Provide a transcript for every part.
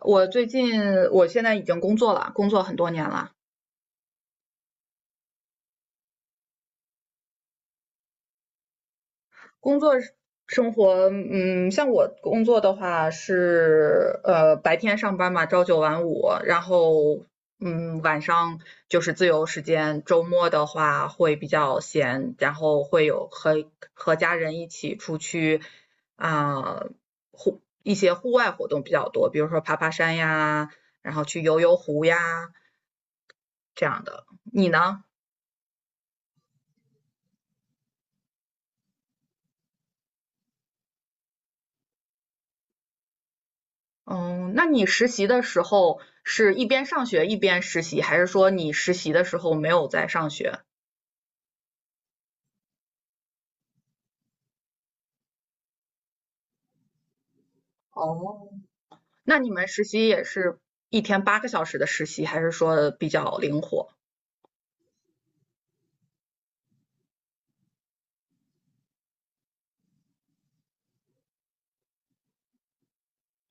我最近我现在已经工作了，工作很多年了。工作生活，像我工作的话是白天上班嘛，朝九晚五，然后晚上就是自由时间，周末的话会比较闲，然后会有和家人一起出去啊、一些户外活动比较多，比如说爬爬山呀，然后去游游湖呀这样的。你呢？嗯，那你实习的时候是一边上学一边实习，还是说你实习的时候没有在上学？哦，那你们实习也是一天8个小时的实习，还是说比较灵活？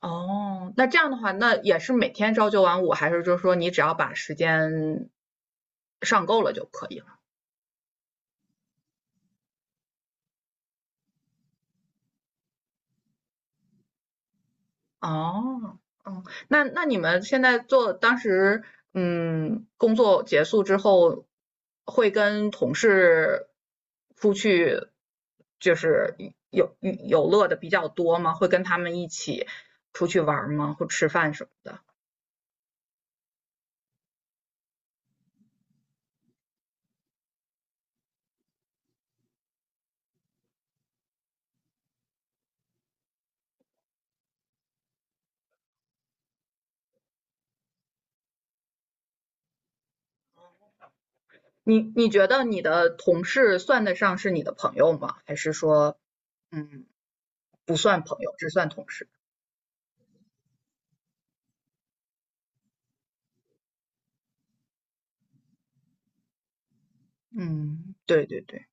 哦，那这样的话，那也是每天朝九晚五，还是就是说你只要把时间上够了就可以了？哦。哦，那那你们现在做当时，嗯，工作结束之后，会跟同事出去，就是有乐的比较多吗？会跟他们一起出去玩吗？或吃饭什么的？你你觉得你的同事算得上是你的朋友吗？还是说，嗯，不算朋友，只算同事？嗯，对对对。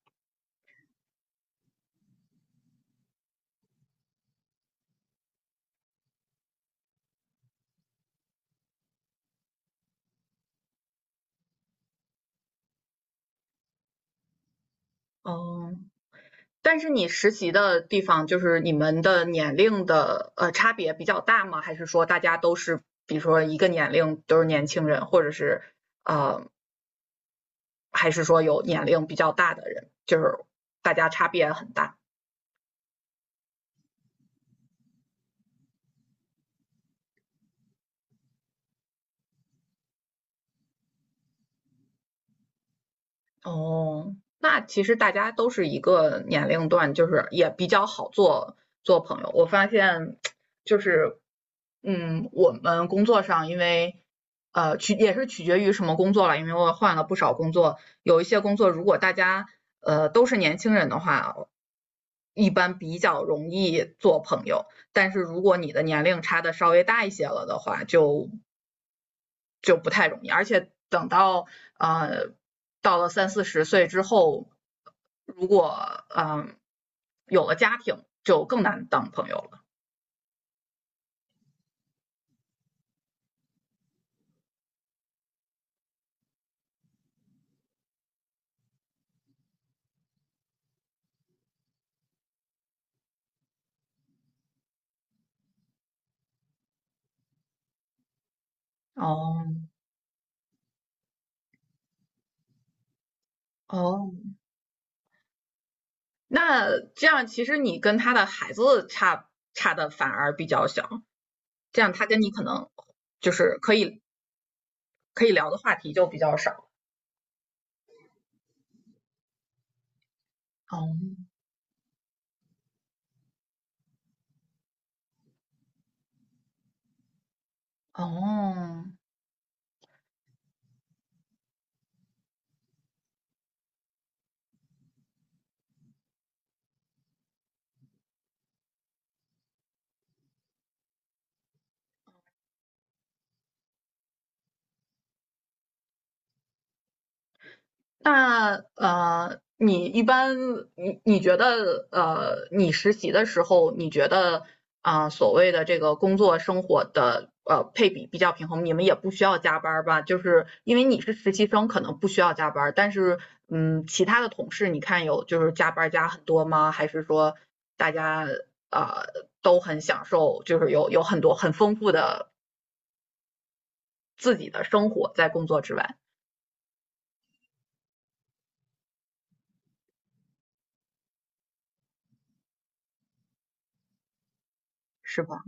哦。但是你实习的地方，就是你们的年龄的差别比较大吗？还是说大家都是，比如说一个年龄都是年轻人，或者是呃，还是说有年龄比较大的人，就是大家差别很大？哦，那其实大家都是一个年龄段，就是也比较好做做朋友。我发现就是，嗯，我们工作上因为取也是取决于什么工作了，因为我换了不少工作，有一些工作如果大家都是年轻人的话，一般比较容易做朋友。但是如果你的年龄差的稍微大一些了的话，就就不太容易。而且等到呃到了三四十岁之后，如果有了家庭，就更难当朋友了。哦。哦，那这样其实你跟他的孩子差的反而比较小，这样他跟你可能就是可以可以聊的话题就比较少。哦。哦，那你一般你你觉得你实习的时候，你觉得所谓的这个工作生活的配比比较平衡，你们也不需要加班儿吧？就是因为你是实习生，可能不需要加班儿，但是嗯，其他的同事你看有就是加班儿加很多吗？还是说大家呃都很享受，就是有很多很丰富的自己的生活在工作之外，是吧？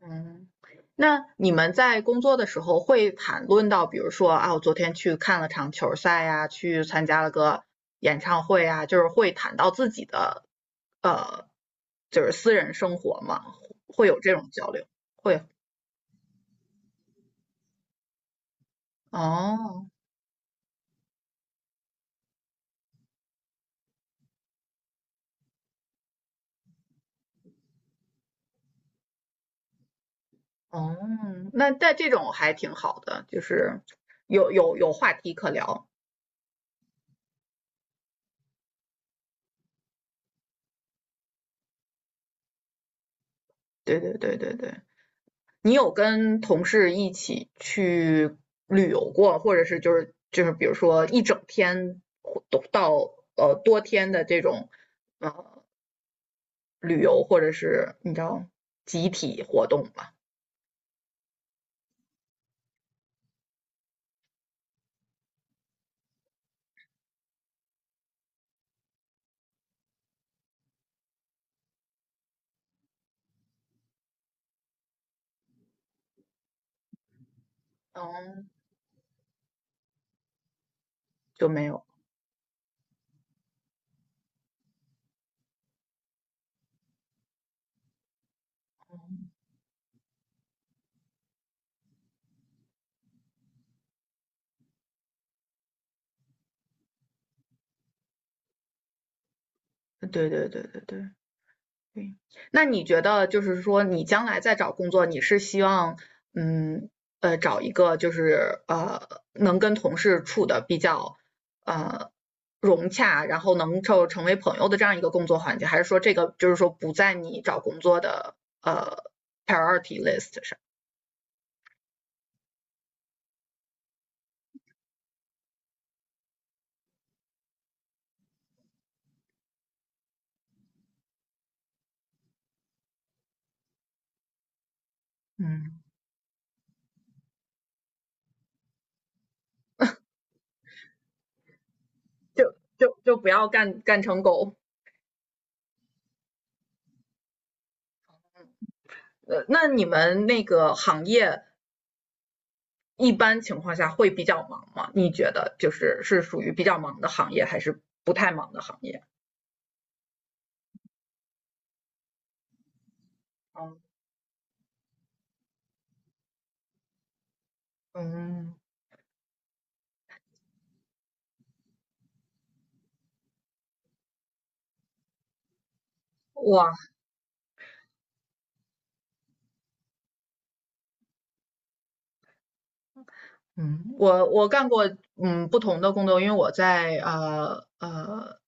嗯，那你们在工作的时候会谈论到，比如说啊，我昨天去看了场球赛呀，去参加了个演唱会啊，就是会谈到自己的呃，就是私人生活嘛，会有这种交流，会。哦。哦，那但这种还挺好的，就是有有话题可聊，对对对对对。你有跟同事一起去旅游过，或者是就是就是比如说一整天或到多天的这种呃旅游，或者是你知道集体活动吧？嗯，就没有。对对对对对。对，那你觉得就是说，你将来再找工作，你是希望，嗯，找一个就是能跟同事处的比较呃融洽，然后能够成为朋友的这样一个工作环境，还是说这个就是说不在你找工作的呃 priority list 上？嗯，就就就不要干干成狗。那你们那个行业一般情况下会比较忙吗？你觉得就是是属于比较忙的行业，还是不太忙的行业？嗯嗯我嗯我我干过不同的工作，因为我在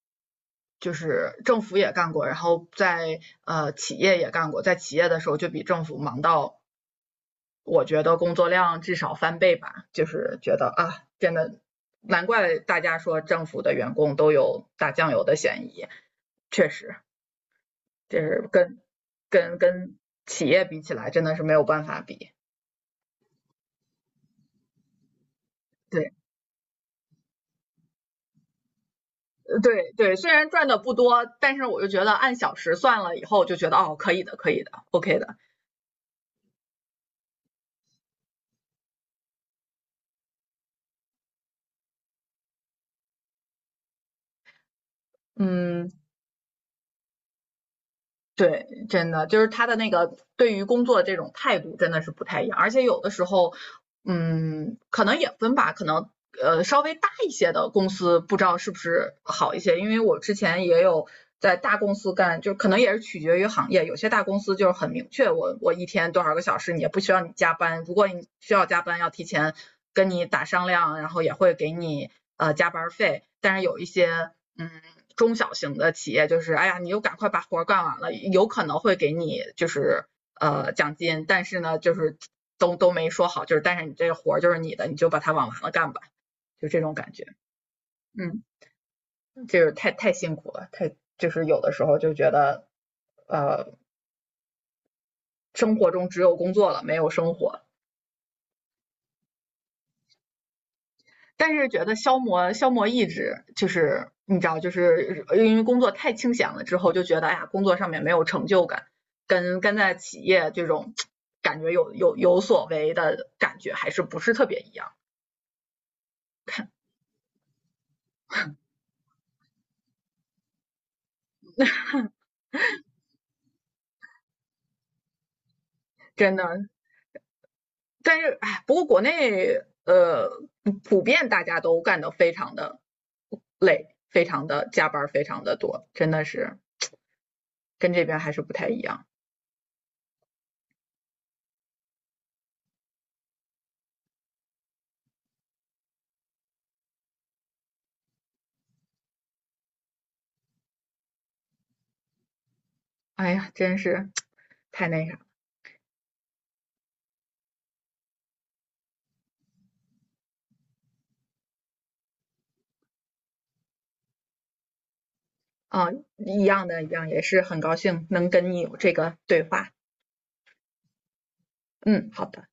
就是政府也干过，然后在企业也干过，在企业的时候就比政府忙到我觉得工作量至少翻倍吧，就是觉得啊真的难怪大家说政府的员工都有打酱油的嫌疑，确实。就是跟企业比起来，真的是没有办法比。对对对，虽然赚的不多，但是我就觉得按小时算了以后，就觉得哦，可以的，可以的，OK 的。嗯，对，真的就是他的那个对于工作的这种态度真的是不太一样，而且有的时候，嗯，可能也分吧，可能稍微大一些的公司不知道是不是好一些，因为我之前也有在大公司干，就可能也是取决于行业，有些大公司就是很明确，我我一天多少个小时，你也不需要你加班，如果你需要加班，要提前跟你打商量，然后也会给你加班费，但是有一些。嗯，中小型的企业就是，哎呀，你又赶快把活干完了，有可能会给你就是奖金，但是呢，就是都没说好，就是但是你这个活就是你的，你就把它往完了干吧，就这种感觉。嗯，就是太太辛苦了，太就是有的时候就觉得，呃，生活中只有工作了，没有生活。但是觉得消磨消磨意志，就是你知道，就是因为工作太清闲了之后，就觉得哎呀，工作上面没有成就感，跟跟在企业这种感觉有所为的感觉还是不是特别一样，真的。但是哎，不过国内普遍大家都干得非常的累，非常的加班，非常的多，真的是跟这边还是不太一样。哎呀，真是太那个。啊，一样的，一样，也是很高兴能跟你有这个对话。嗯，好的。